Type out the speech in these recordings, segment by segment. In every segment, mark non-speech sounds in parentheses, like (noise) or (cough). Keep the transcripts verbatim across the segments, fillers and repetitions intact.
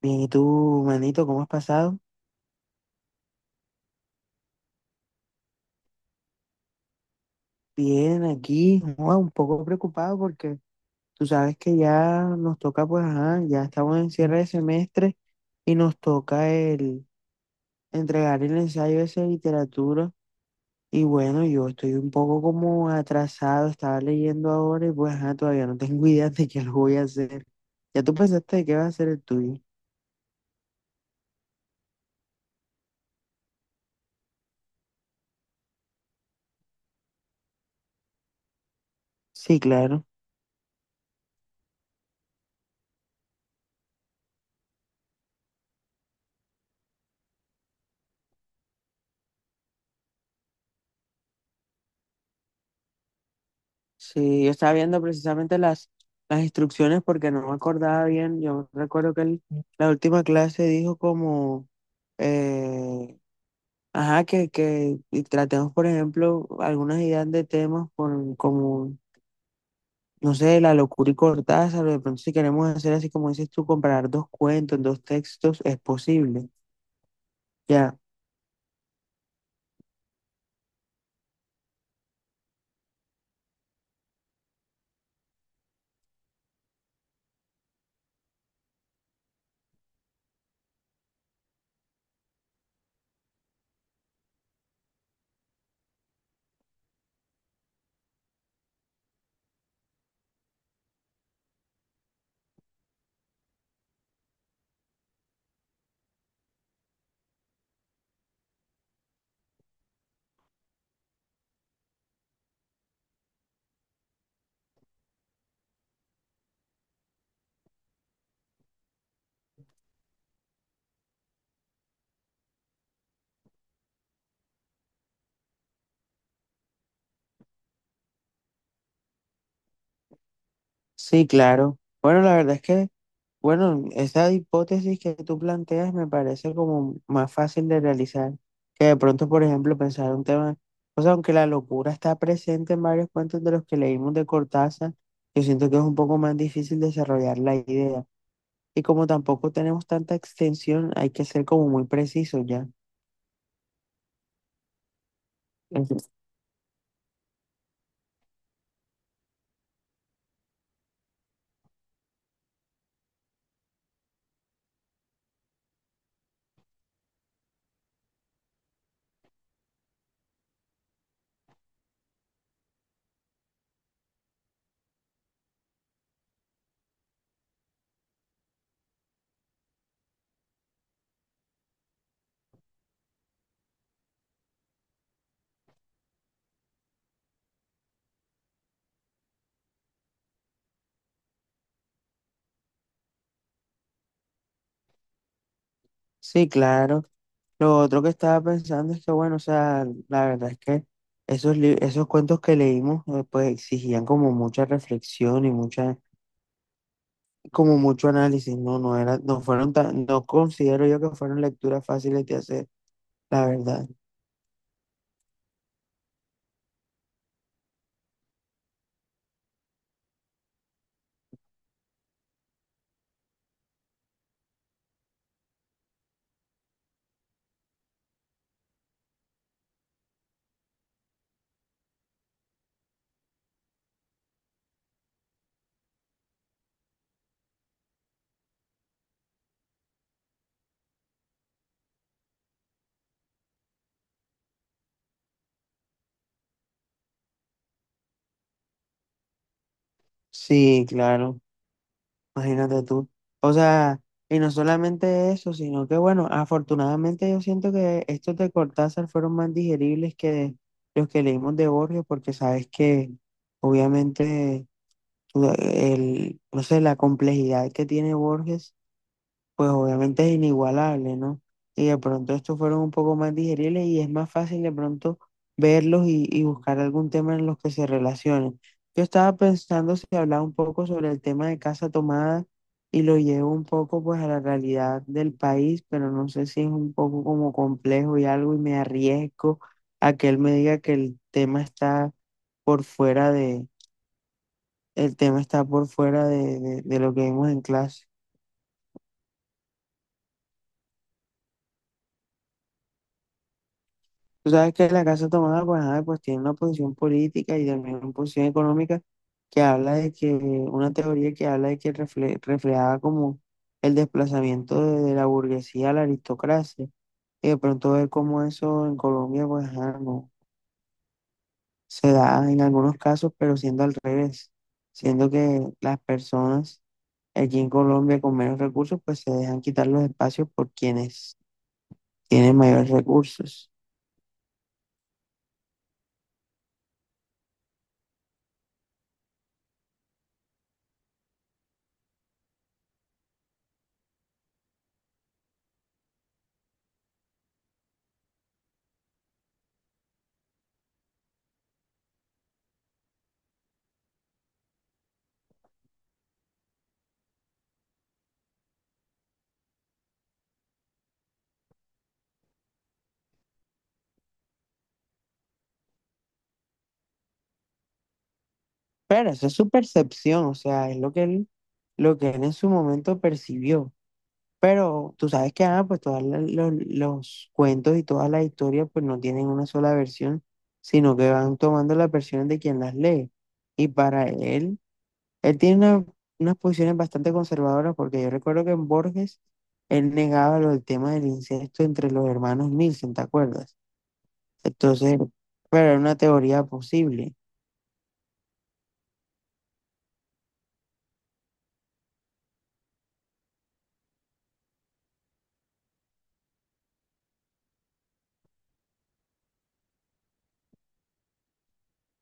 Bien. Y tú, manito, ¿cómo has pasado? Bien, aquí, joa, un poco preocupado porque tú sabes que ya nos toca, pues, ajá, ya estamos en cierre de semestre y nos toca el entregar el ensayo ese de literatura. Y bueno, yo estoy un poco como atrasado, estaba leyendo ahora y pues, ajá, todavía no tengo (laughs) idea de qué lo voy a hacer. ¿Ya tú pensaste de qué va a ser el tuyo? Sí, claro. Sí, yo estaba viendo precisamente las, las instrucciones porque no me acordaba bien. Yo recuerdo que él, la última clase dijo como, eh, ajá, que, que y tratemos, por ejemplo, algunas ideas de temas por, como, no sé, la locura y Cortázar. De pronto, si queremos hacer así como dices tú, comparar dos cuentos, dos textos, es posible. Ya, sí, claro. Bueno, la verdad es que… Bueno, esa hipótesis que tú planteas me parece como más fácil de realizar que de pronto, por ejemplo, pensar un tema, o sea, aunque la locura está presente en varios cuentos de los que leímos de Cortázar, yo siento que es un poco más difícil desarrollar la idea. Y como tampoco tenemos tanta extensión, hay que ser como muy preciso ya. Ujú. Sí, claro. Lo otro que estaba pensando es que, bueno, o sea, la verdad es que esos, li- esos cuentos que leímos, eh, pues exigían como mucha reflexión y mucha como mucho análisis, no, no era, no fueron tan, no considero yo que fueron lecturas fáciles de hacer, la verdad. Sí, claro, imagínate tú. O sea, y no solamente eso, sino que bueno, afortunadamente yo siento que estos de Cortázar fueron más digeribles que los que leímos de Borges, porque sabes que obviamente tú- el, no sé, la complejidad que tiene Borges pues obviamente es inigualable, ¿no? Y de pronto estos fueron un poco más digeribles y es más fácil de pronto verlos y, y buscar algún tema en los que se relacionen. Yo estaba pensando si hablaba un poco sobre el tema de casa tomada y lo llevo un poco pues a la realidad del país, pero no sé si es un poco como complejo y algo y me arriesgo a que él me diga que el tema está por fuera de, el tema está por fuera de, de, de lo que vimos en clase. Tú sabes que la Casa Tomada, pues, ajá, pues tiene una posición política y también una posición económica que habla de que, una teoría que habla de que refle- reflejaba como el desplazamiento de, de la burguesía a la aristocracia. Y de pronto ver cómo eso en Colombia, pues, ajá, no se da en algunos casos, pero siendo al revés, siendo que las personas aquí en Colombia con menos recursos, pues se dejan quitar los espacios por quienes tienen mayores recursos. Pero eso es su percepción, o sea, es lo que él, lo que él en su momento percibió. Pero tú sabes que, ah, pues todos los, los cuentos y todas las historias, pues no tienen una sola versión, sino que van tomando las versiones de quien las lee. Y para él, él tiene una- unas posiciones bastante conservadoras, porque yo recuerdo que en Borges, él negaba lo del tema del incesto entre los hermanos Nielsen, ¿te acuerdas? Entonces, pero era una teoría posible.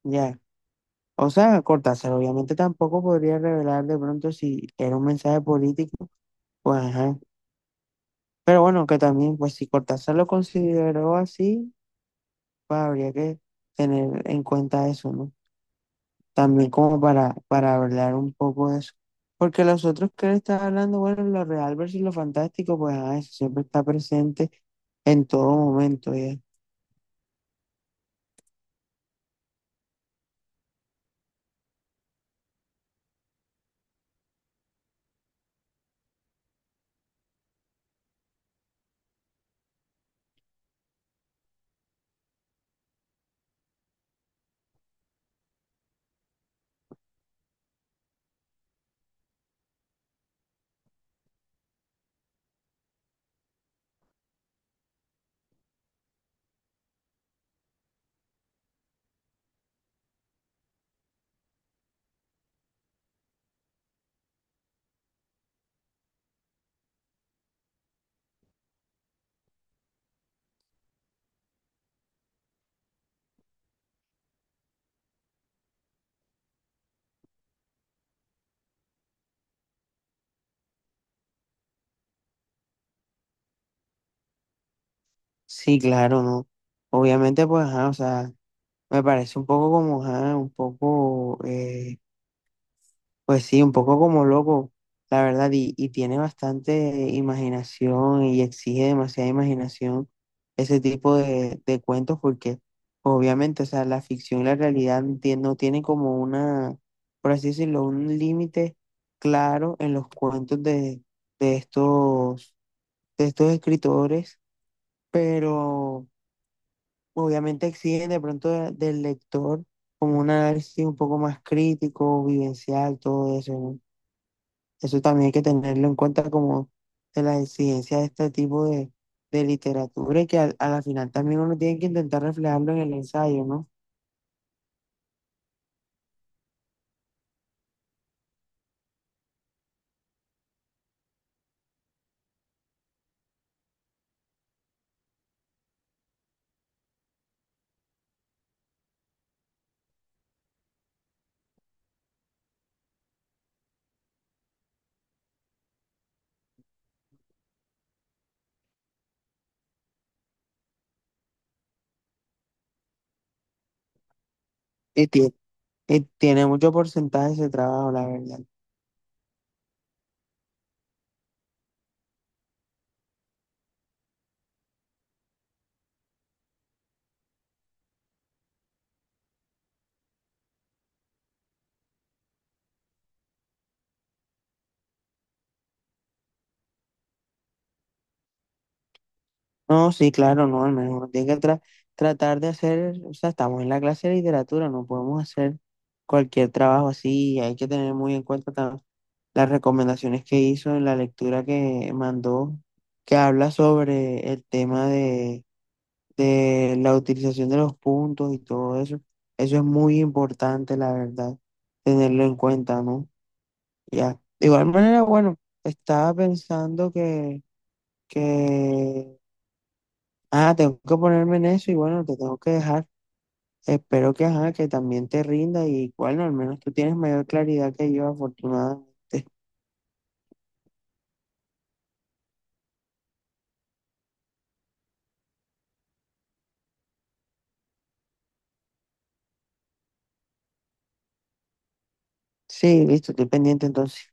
Ya. O sea, Cortázar obviamente tampoco podría revelar de pronto si era un mensaje político, pues ajá. Pero bueno, que también, pues si Cortázar lo consideró así, pues habría que tener en cuenta eso, ¿no? También como para, para hablar un poco de eso. Porque los otros que él está hablando, bueno, lo real versus lo fantástico, pues ajá, eso siempre está presente en todo momento, ¿ya? Sí, claro, ¿no? Obviamente, pues ajá, o sea, me parece un poco como, ajá, un poco… eh, pues sí, un poco como loco, la verdad, y, y tiene bastante imaginación y exige demasiada imaginación ese tipo de, de cuentos porque obviamente, o sea, la ficción y la realidad no tie- no tienen como una, por así decirlo, un límite claro en los cuentos de, de estos, de estos escritores, pero obviamente exigen de pronto de- del lector como un análisis un poco más crítico, vivencial, todo eso, ¿no? Eso también hay que tenerlo en cuenta como de las exigencias de este tipo de, de literatura y que al- a la final también uno tiene que intentar reflejarlo en el ensayo, ¿no? Y tie- y tiene mucho porcentaje ese trabajo, la verdad. No, sí, claro, no, al menos uno tiene que tra- tratar de hacer, o sea, estamos en la clase de literatura, no podemos hacer cualquier trabajo así, y hay que tener muy en cuenta tam- las recomendaciones que hizo en la lectura que mandó, que habla sobre el tema de de la utilización de los puntos y todo eso. Eso es muy importante, la verdad, tenerlo en cuenta, ¿no? Ya. De igual manera, bueno, estaba pensando que, que, ah, tengo que ponerme en eso y bueno, te tengo que dejar. Espero que, ajá, que también te rinda y bueno, al menos tú tienes mayor claridad que yo, afortunadamente. Sí, listo, estoy pendiente entonces.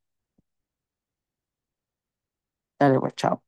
Dale, pues, chao.